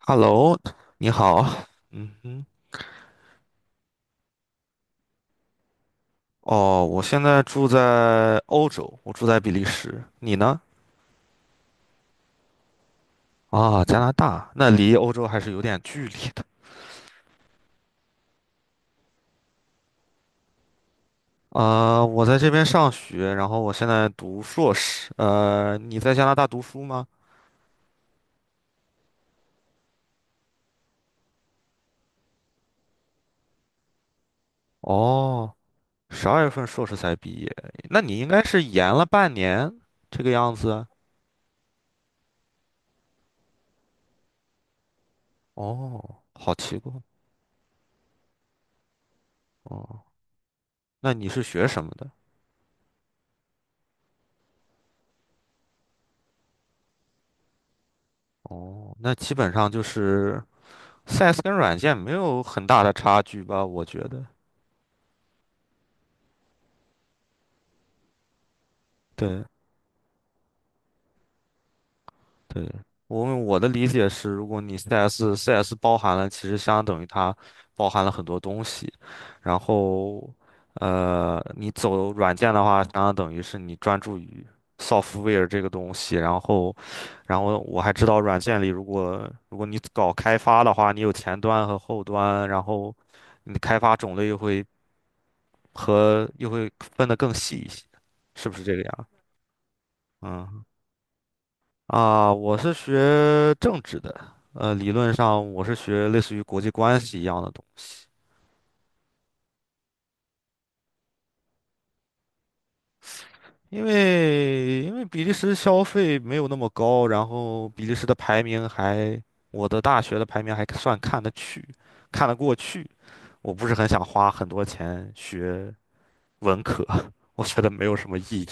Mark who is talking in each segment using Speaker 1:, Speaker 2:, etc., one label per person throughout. Speaker 1: Hello，你好。嗯哼，哦，我现在住在欧洲，我住在比利时。你呢？啊，加拿大，那离欧洲还是有点距离的。我在这边上学，然后我现在读硕士。你在加拿大读书吗？哦，12月份硕士才毕业，那你应该是延了半年这个样子。哦，好奇怪。哦，那你是学什么的？哦，那基本上就是，CS 跟软件没有很大的差距吧？我觉得，对对，我的理解是，如果你 CS 包含了，其实相等于它包含了很多东西，然后你走软件的话，相当等于是你专注于 software 这个东西，然后我还知道软件里，如果你搞开发的话，你有前端和后端，然后你的开发种类又会分得更细一些，是不是这个样？嗯啊，我是学政治的，理论上我是学类似于国际关系一样的东西，因为比利时消费没有那么高，然后比利时的排名还，我的大学的排名还算看得过去，我不是很想花很多钱学文科，我觉得没有什么意义。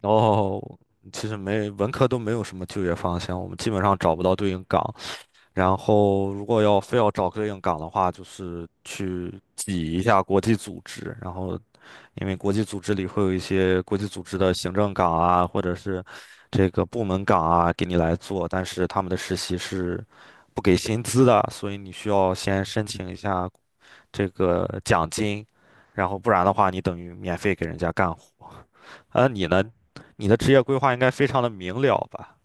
Speaker 1: 然后其实没文科都没有什么就业方向，我们基本上找不到对应岗，然后，如果要非要找对应岗的话，就是去挤一下国际组织。然后，因为国际组织里会有一些国际组织的行政岗啊，或者是这个部门岗啊，给你来做，但是他们的实习是不给薪资的，所以你需要先申请一下这个奖金，然后不然的话，你等于免费给人家干活。你呢？你的职业规划应该非常的明了吧？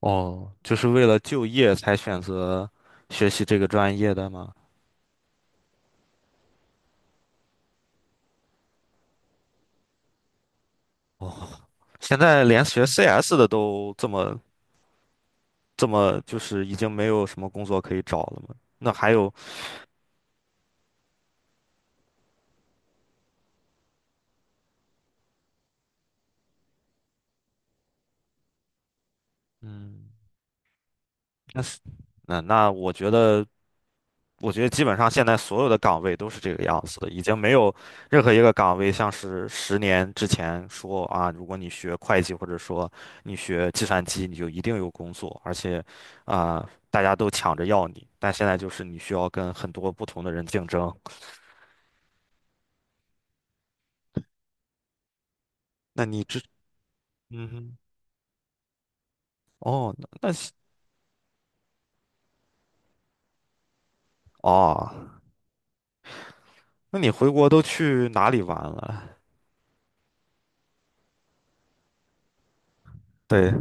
Speaker 1: 哦，就是为了就业才选择学习这个专业的吗？哦，现在连学 CS 的都这么，就是已经没有什么工作可以找了吗？那还有，嗯，那是那那我觉得基本上现在所有的岗位都是这个样子的，已经没有任何一个岗位像是10年之前说啊，如果你学会计或者说你学计算机，你就一定有工作，而且啊，大家都抢着要你。但现在就是你需要跟很多不同的人竞争。那你之嗯哼。哦，那是。哦，那你回国都去哪里玩了？对，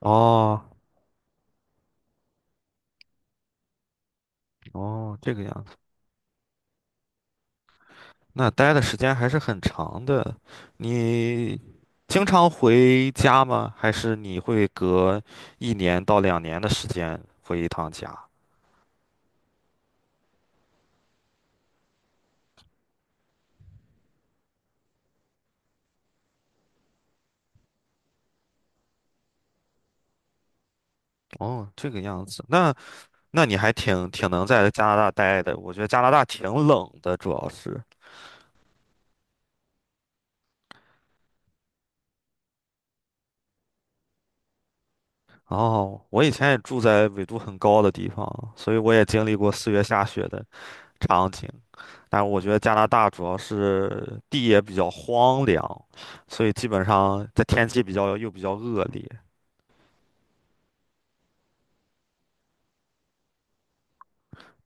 Speaker 1: 哦哦，这个样。那待的时间还是很长的。你经常回家吗？还是你会隔一年到两年的时间回一趟家？哦，这个样子，那你还挺能在加拿大待的。我觉得加拿大挺冷的，主要是。哦，我以前也住在纬度很高的地方，所以我也经历过4月下雪的场景。但是我觉得加拿大主要是地也比较荒凉，所以基本上在天气比较又比较恶劣。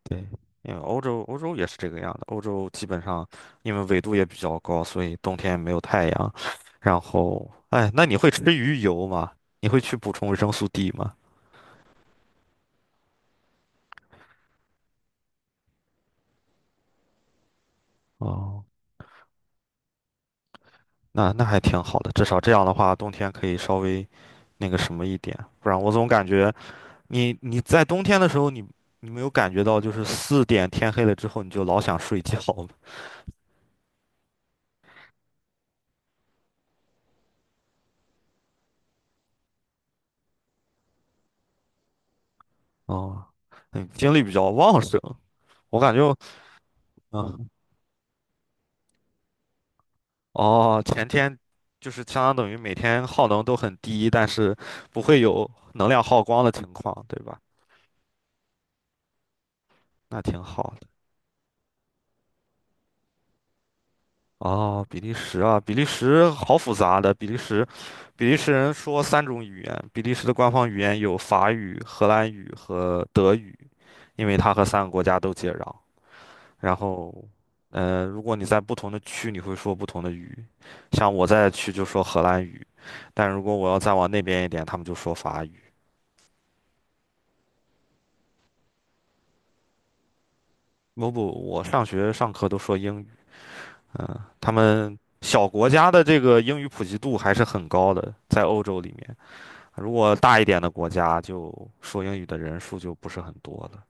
Speaker 1: 对，因为欧洲也是这个样的，欧洲基本上因为纬度也比较高，所以冬天没有太阳。然后，哎，那你会吃鱼油吗？你会去补充维生素 D 吗？哦，那还挺好的，至少这样的话，冬天可以稍微那个什么一点，不然我总感觉你在冬天的时候你没有感觉到就是4点天黑了之后你就老想睡觉吗？哦，嗯，精力比较旺盛，我感觉，嗯，哦，前天就是相当等于每天耗能都很低，但是不会有能量耗光的情况，对吧？那挺好的。哦，比利时啊，比利时好复杂的。比利时人说三种语言，比利时的官方语言有法语、荷兰语和德语，因为它和三个国家都接壤。然后，如果你在不同的区，你会说不同的语。像我在的区就说荷兰语，但如果我要再往那边一点，他们就说法语。不不，我上学上课都说英语，他们小国家的这个英语普及度还是很高的，在欧洲里面，如果大一点的国家，就说英语的人数就不是很多了。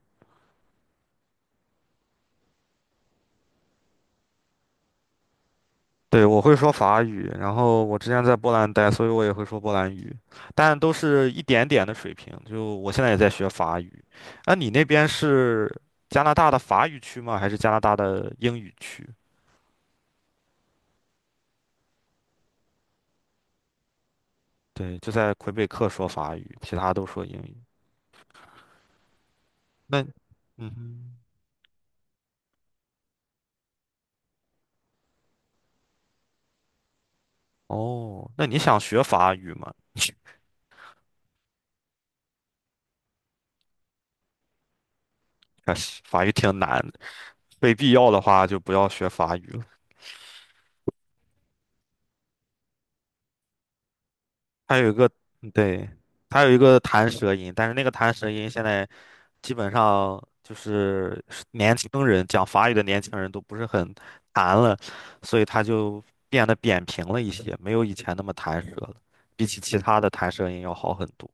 Speaker 1: 对，我会说法语，然后我之前在波兰待，所以我也会说波兰语，但都是一点点的水平。就我现在也在学法语，那你那边是加拿大的法语区吗？还是加拿大的英语区？对，就在魁北克说法语，其他都说英语。那，嗯哼。哦，那你想学法语吗？可是法语挺难的，非必要的话就不要学法语了。还有一个，对，还有一个弹舌音，但是那个弹舌音现在基本上就是年轻人讲法语的年轻人都不是很弹了，所以它就变得扁平了一些，没有以前那么弹舌了，比起其他的弹舌音要好很多。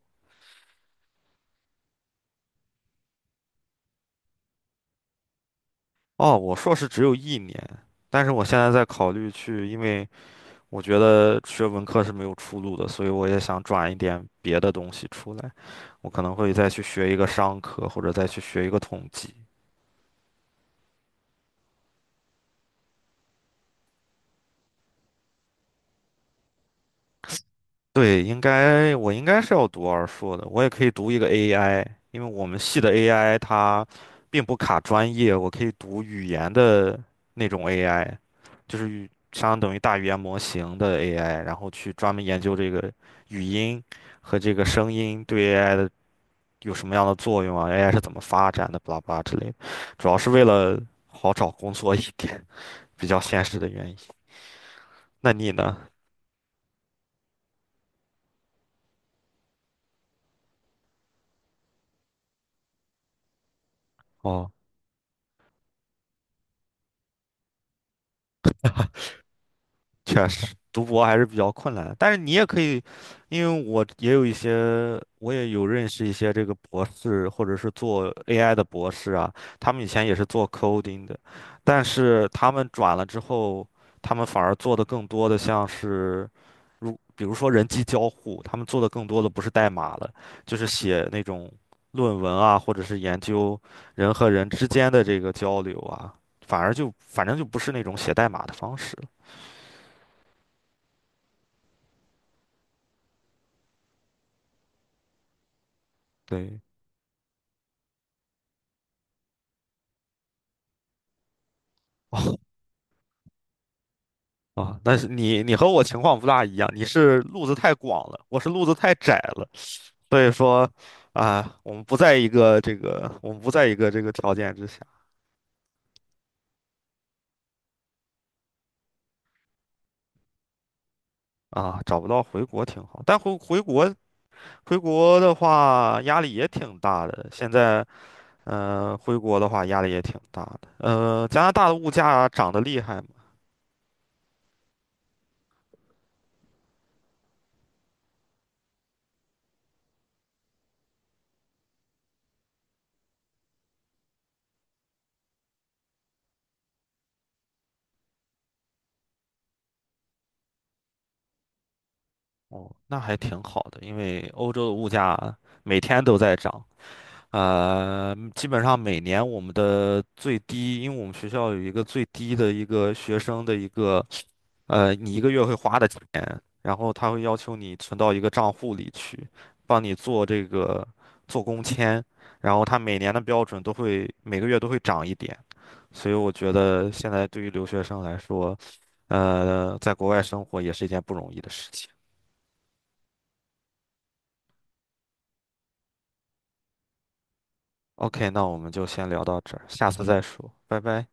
Speaker 1: 哦，我硕士只有一年，但是我现在在考虑去，因为。我觉得学文科是没有出路的，所以我也想转一点别的东西出来。我可能会再去学一个商科，或者再去学一个统计。对，我应该是要读二硕的，我也可以读一个 AI，因为我们系的 AI 它并不卡专业，我可以读语言的那种 AI，就是相当于大语言模型的 AI,然后去专门研究这个语音和这个声音对 AI 的有什么样的作用啊？AI 是怎么发展的？巴拉巴拉之类的，主要是为了好找工作一点，比较现实的原因。那你呢？哦。确实，读博还是比较困难的但是你也可以，因为我也有认识一些这个博士，或者是做 AI 的博士啊，他们以前也是做 coding 的，但是他们转了之后，他们反而做的更多的像是，比如说人机交互，他们做的更多的不是代码了，就是写那种论文啊，或者是研究人和人之间的这个交流啊，反正就不是那种写代码的方式了对。哦啊，但是你和我情况不大一样，你是路子太广了，我是路子太窄了，所以说啊，我们不在一个这个条件之下啊，找不到回国挺好，但回国的话压力也挺大的，现在回国的话压力也挺大的，加拿大的物价涨得厉害吗？哦，那还挺好的，因为欧洲的物价每天都在涨。基本上每年我们的最低，因为我们学校有一个最低的一个学生的一个，你一个月会花的钱，然后他会要求你存到一个账户里去，帮你做这个做工签，然后他每年的标准都会每个月都会涨一点，所以我觉得现在对于留学生来说，在国外生活也是一件不容易的事情。OK，那我们就先聊到这儿，下次再说，拜拜。